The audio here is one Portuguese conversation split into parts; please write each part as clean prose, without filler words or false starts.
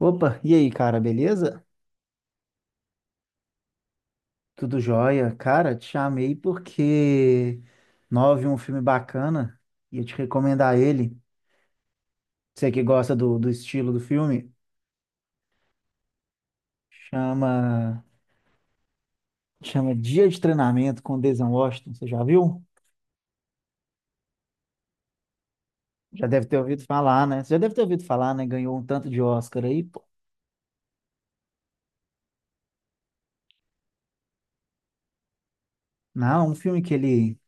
Opa, e aí, cara, beleza? Tudo jóia? Cara, te chamei porque nós vi um filme bacana e eu te recomendar ele. Você que gosta do estilo do filme, chama chama Dia de Treinamento com Denzel Washington. Você já viu? Já deve ter ouvido falar, né? Você já deve ter ouvido falar, né? Ganhou um tanto de Oscar aí, pô. Não, um filme que ele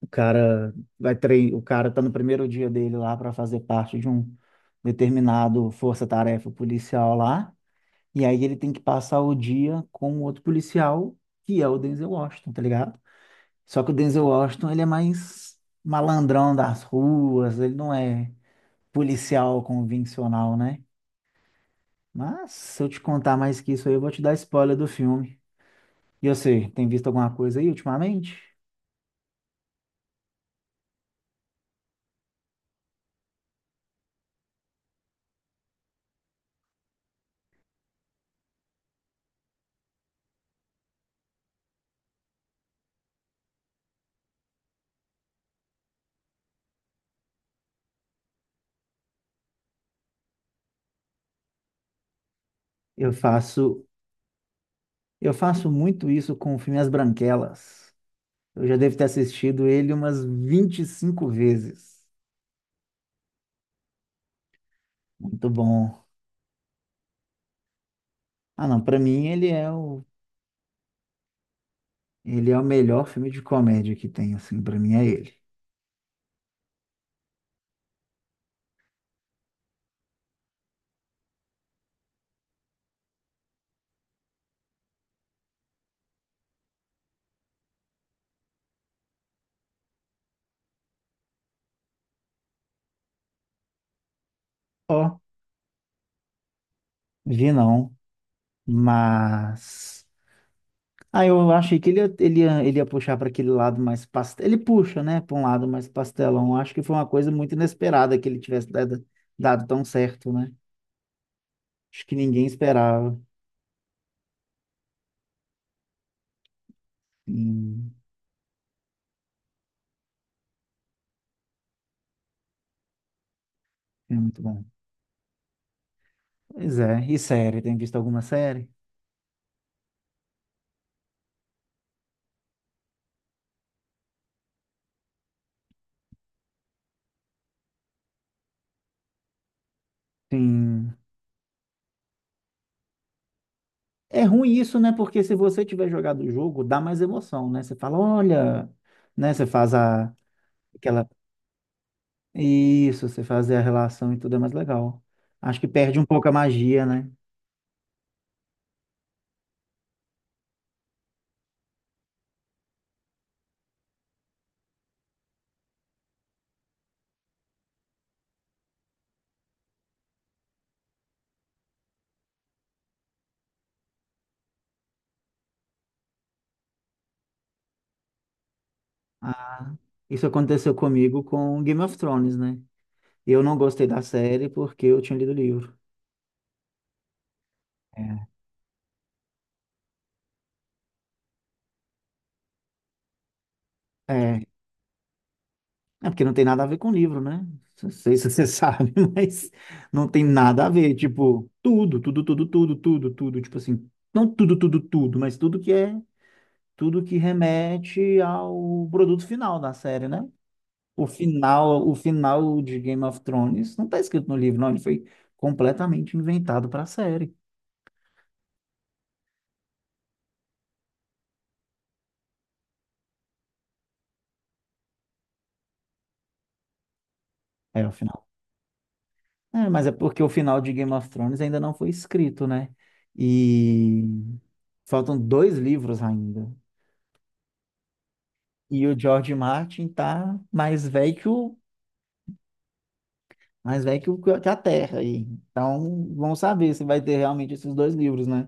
o cara vai treinar, o cara tá no primeiro dia dele lá para fazer parte de um determinado força-tarefa policial lá. E aí ele tem que passar o dia com o outro policial, que é o Denzel Washington, tá ligado? Só que o Denzel Washington, ele é mais malandrão das ruas, ele não é policial convencional, né? Mas se eu te contar mais que isso aí, eu vou te dar spoiler do filme. E você, tem visto alguma coisa aí ultimamente? Eu faço, eu faço muito isso com o filme As Branquelas. Eu já devo ter assistido ele umas 25 vezes. Muito bom. Ah, não, pra mim ele é o Ele é o melhor filme de comédia que tem, assim, pra mim é ele. Ó, vi não, mas. Ah, eu achei que ele ia puxar para aquele lado mais pastel. Ele puxa, né, para um lado mais pastelão. Eu acho que foi uma coisa muito inesperada que ele tivesse dado tão certo, né? Acho que ninguém esperava. Sim, é muito bom. Pois é, e série? Tem visto alguma série? Sim. É ruim isso, né? Porque se você tiver jogado o jogo, dá mais emoção, né? Você fala, olha, né? Você faz a, aquela Isso, você fazer a relação e tudo é mais legal. Acho que perde um pouco a magia, né? Ah, isso aconteceu comigo com Game of Thrones, né? Eu não gostei da série porque eu tinha lido o livro. É, é porque não tem nada a ver com o livro, né? Não sei se você sabe, mas não tem nada a ver. Tipo, tudo, tudo, tudo, tudo, tudo, tudo. Tipo assim, não tudo, tudo, tudo, mas tudo que remete ao produto final da série, né? O final de Game of Thrones não está escrito no livro, não. Ele foi completamente inventado para a série. Era o final. É, mas é porque o final de Game of Thrones ainda não foi escrito, né? E faltam 2 livros ainda. E o George Martin tá mais velho que, que a Terra aí. Então, vamos saber se vai ter realmente esses 2 livros, né?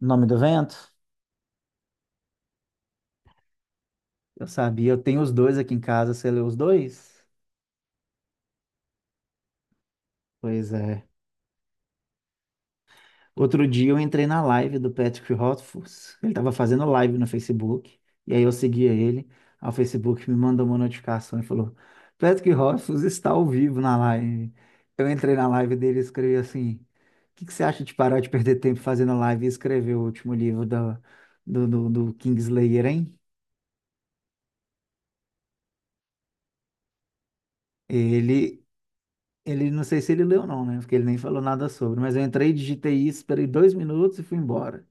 Nome do Vento? Eu sabia, eu tenho os 2 aqui em casa. Você leu os 2? Pois é. Outro dia eu entrei na live do Patrick Rothfuss. Ele estava fazendo live no Facebook. E aí eu seguia ele. Aí o Facebook me mandou uma notificação e falou: Patrick Rothfuss está ao vivo na live. Eu entrei na live dele e escrevi assim: O que que você acha de parar de perder tempo fazendo live e escrever o último livro do Kingslayer, hein? Ele, ele, não sei se ele leu ou não, né? Porque ele nem falou nada sobre. Mas eu entrei, digitei isso, esperei 2 minutos e fui embora.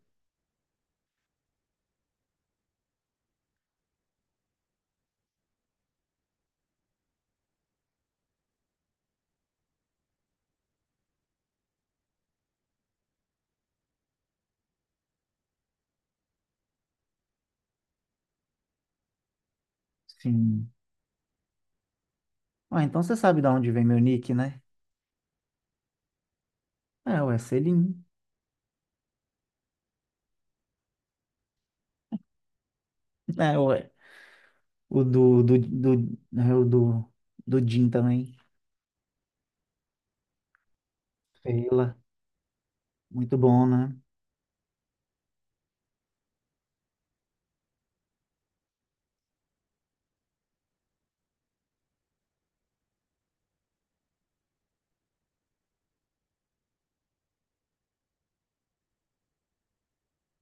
Sim. Ah, então você sabe de onde vem meu nick, né? Ah, ué, Selim. Ah, ué. O do, do, do, é o do, do Jim também. Fela. Muito bom, né?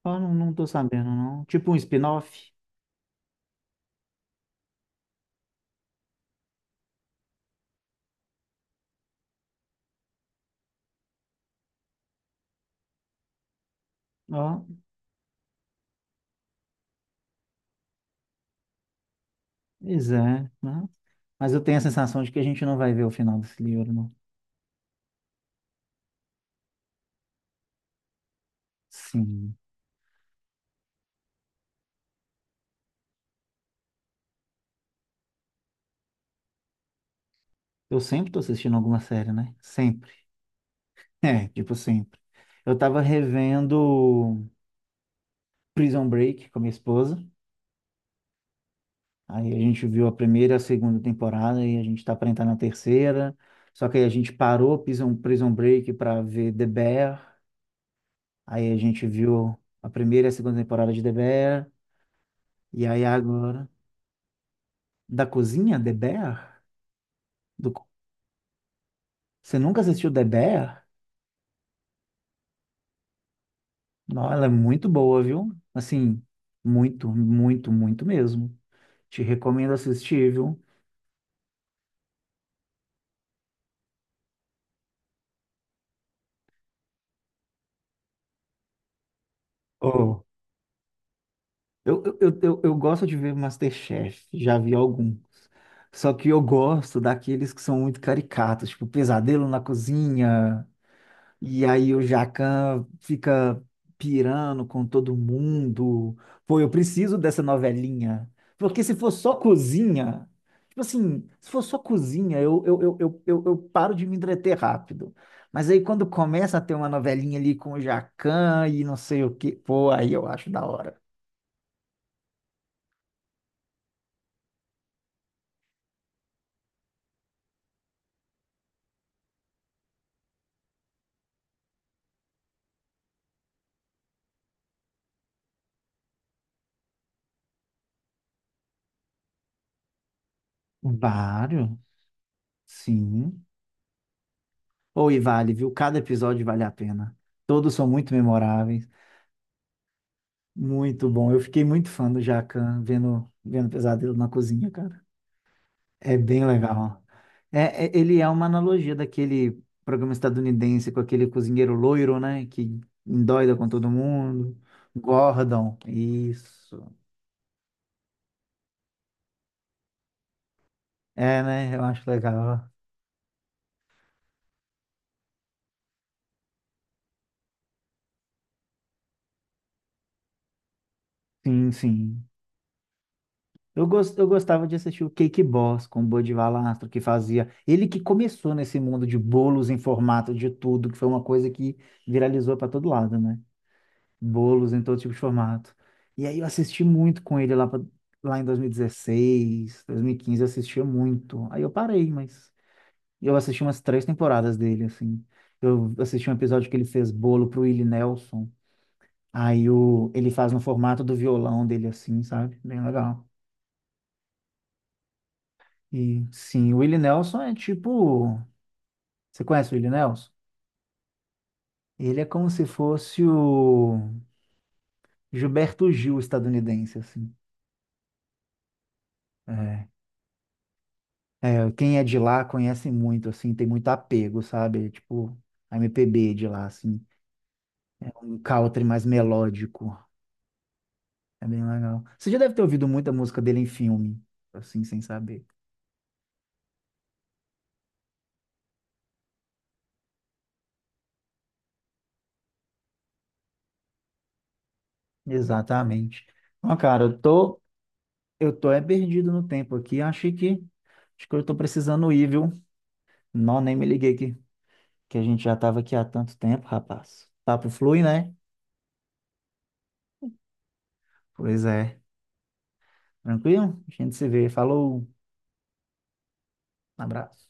Ó, não, não tô sabendo, não. Tipo um spin-off. Ó, pois é, né? Mas eu tenho a sensação de que a gente não vai ver o final desse livro, não. Sim. Eu sempre tô assistindo alguma série, né? Sempre. É, tipo sempre. Eu tava revendo Prison Break com minha esposa. Aí a gente viu a primeira e a segunda temporada e a gente está para entrar na terceira. Só que aí a gente parou Prison Break para ver The Bear. Aí a gente viu a primeira e a segunda temporada de The Bear. E aí agora, da cozinha, The Bear? Do co- Você nunca assistiu The Bear? Não, ela é muito boa, viu? Assim, muito, muito, muito mesmo. Te recomendo assistir, viu? Ô, eu gosto de ver MasterChef, já vi alguns. Só que eu gosto daqueles que são muito caricatos, tipo Pesadelo na Cozinha, e aí o Jacan fica pirando com todo mundo. Pô, eu preciso dessa novelinha. Porque se for só cozinha, tipo assim, se for só cozinha, eu paro de me entreter rápido. Mas aí quando começa a ter uma novelinha ali com o Jacan e não sei o quê, pô, aí eu acho da hora. Vários. Sim. Ou e vale, viu? Cada episódio vale a pena. Todos são muito memoráveis. Muito bom. Eu fiquei muito fã do Jacan vendo Pesadelo na Cozinha, cara. É bem legal. É, ele é uma analogia daquele programa estadunidense com aquele cozinheiro loiro, né? Que endoida com todo mundo. Gordon. Isso. É, né? Eu acho legal. Sim, sim. Eu gostava de assistir o Cake Boss com o Bud Valastro, que fazia. Ele que começou nesse mundo de bolos em formato de tudo, que foi uma coisa que viralizou para todo lado, né? Bolos em todo tipo de formato. E aí eu assisti muito com lá em 2016, 2015, eu assistia muito. Aí eu parei, mas eu assisti umas três temporadas dele, assim. Eu assisti um episódio que ele fez bolo pro Willie Nelson. Aí o... ele faz no formato do violão dele, assim, sabe? Bem legal. E sim, o Willie Nelson é tipo. Você conhece o Willie Nelson? Ele é como se fosse o Gilberto Gil estadunidense, assim. É. É, quem é de lá conhece muito, assim, tem muito apego, sabe? É tipo, a MPB de lá, assim. É um country mais melódico. É bem legal. Você já deve ter ouvido muita música dele em filme, assim, sem saber. Exatamente. Ó, cara, eu tô é perdido no tempo aqui. Achei que, acho que eu tô precisando ir, viu? Não, nem me liguei que a gente já estava aqui há tanto tempo, rapaz. Papo flui, né? Pois é. Tranquilo? A gente se vê. Falou. Um abraço.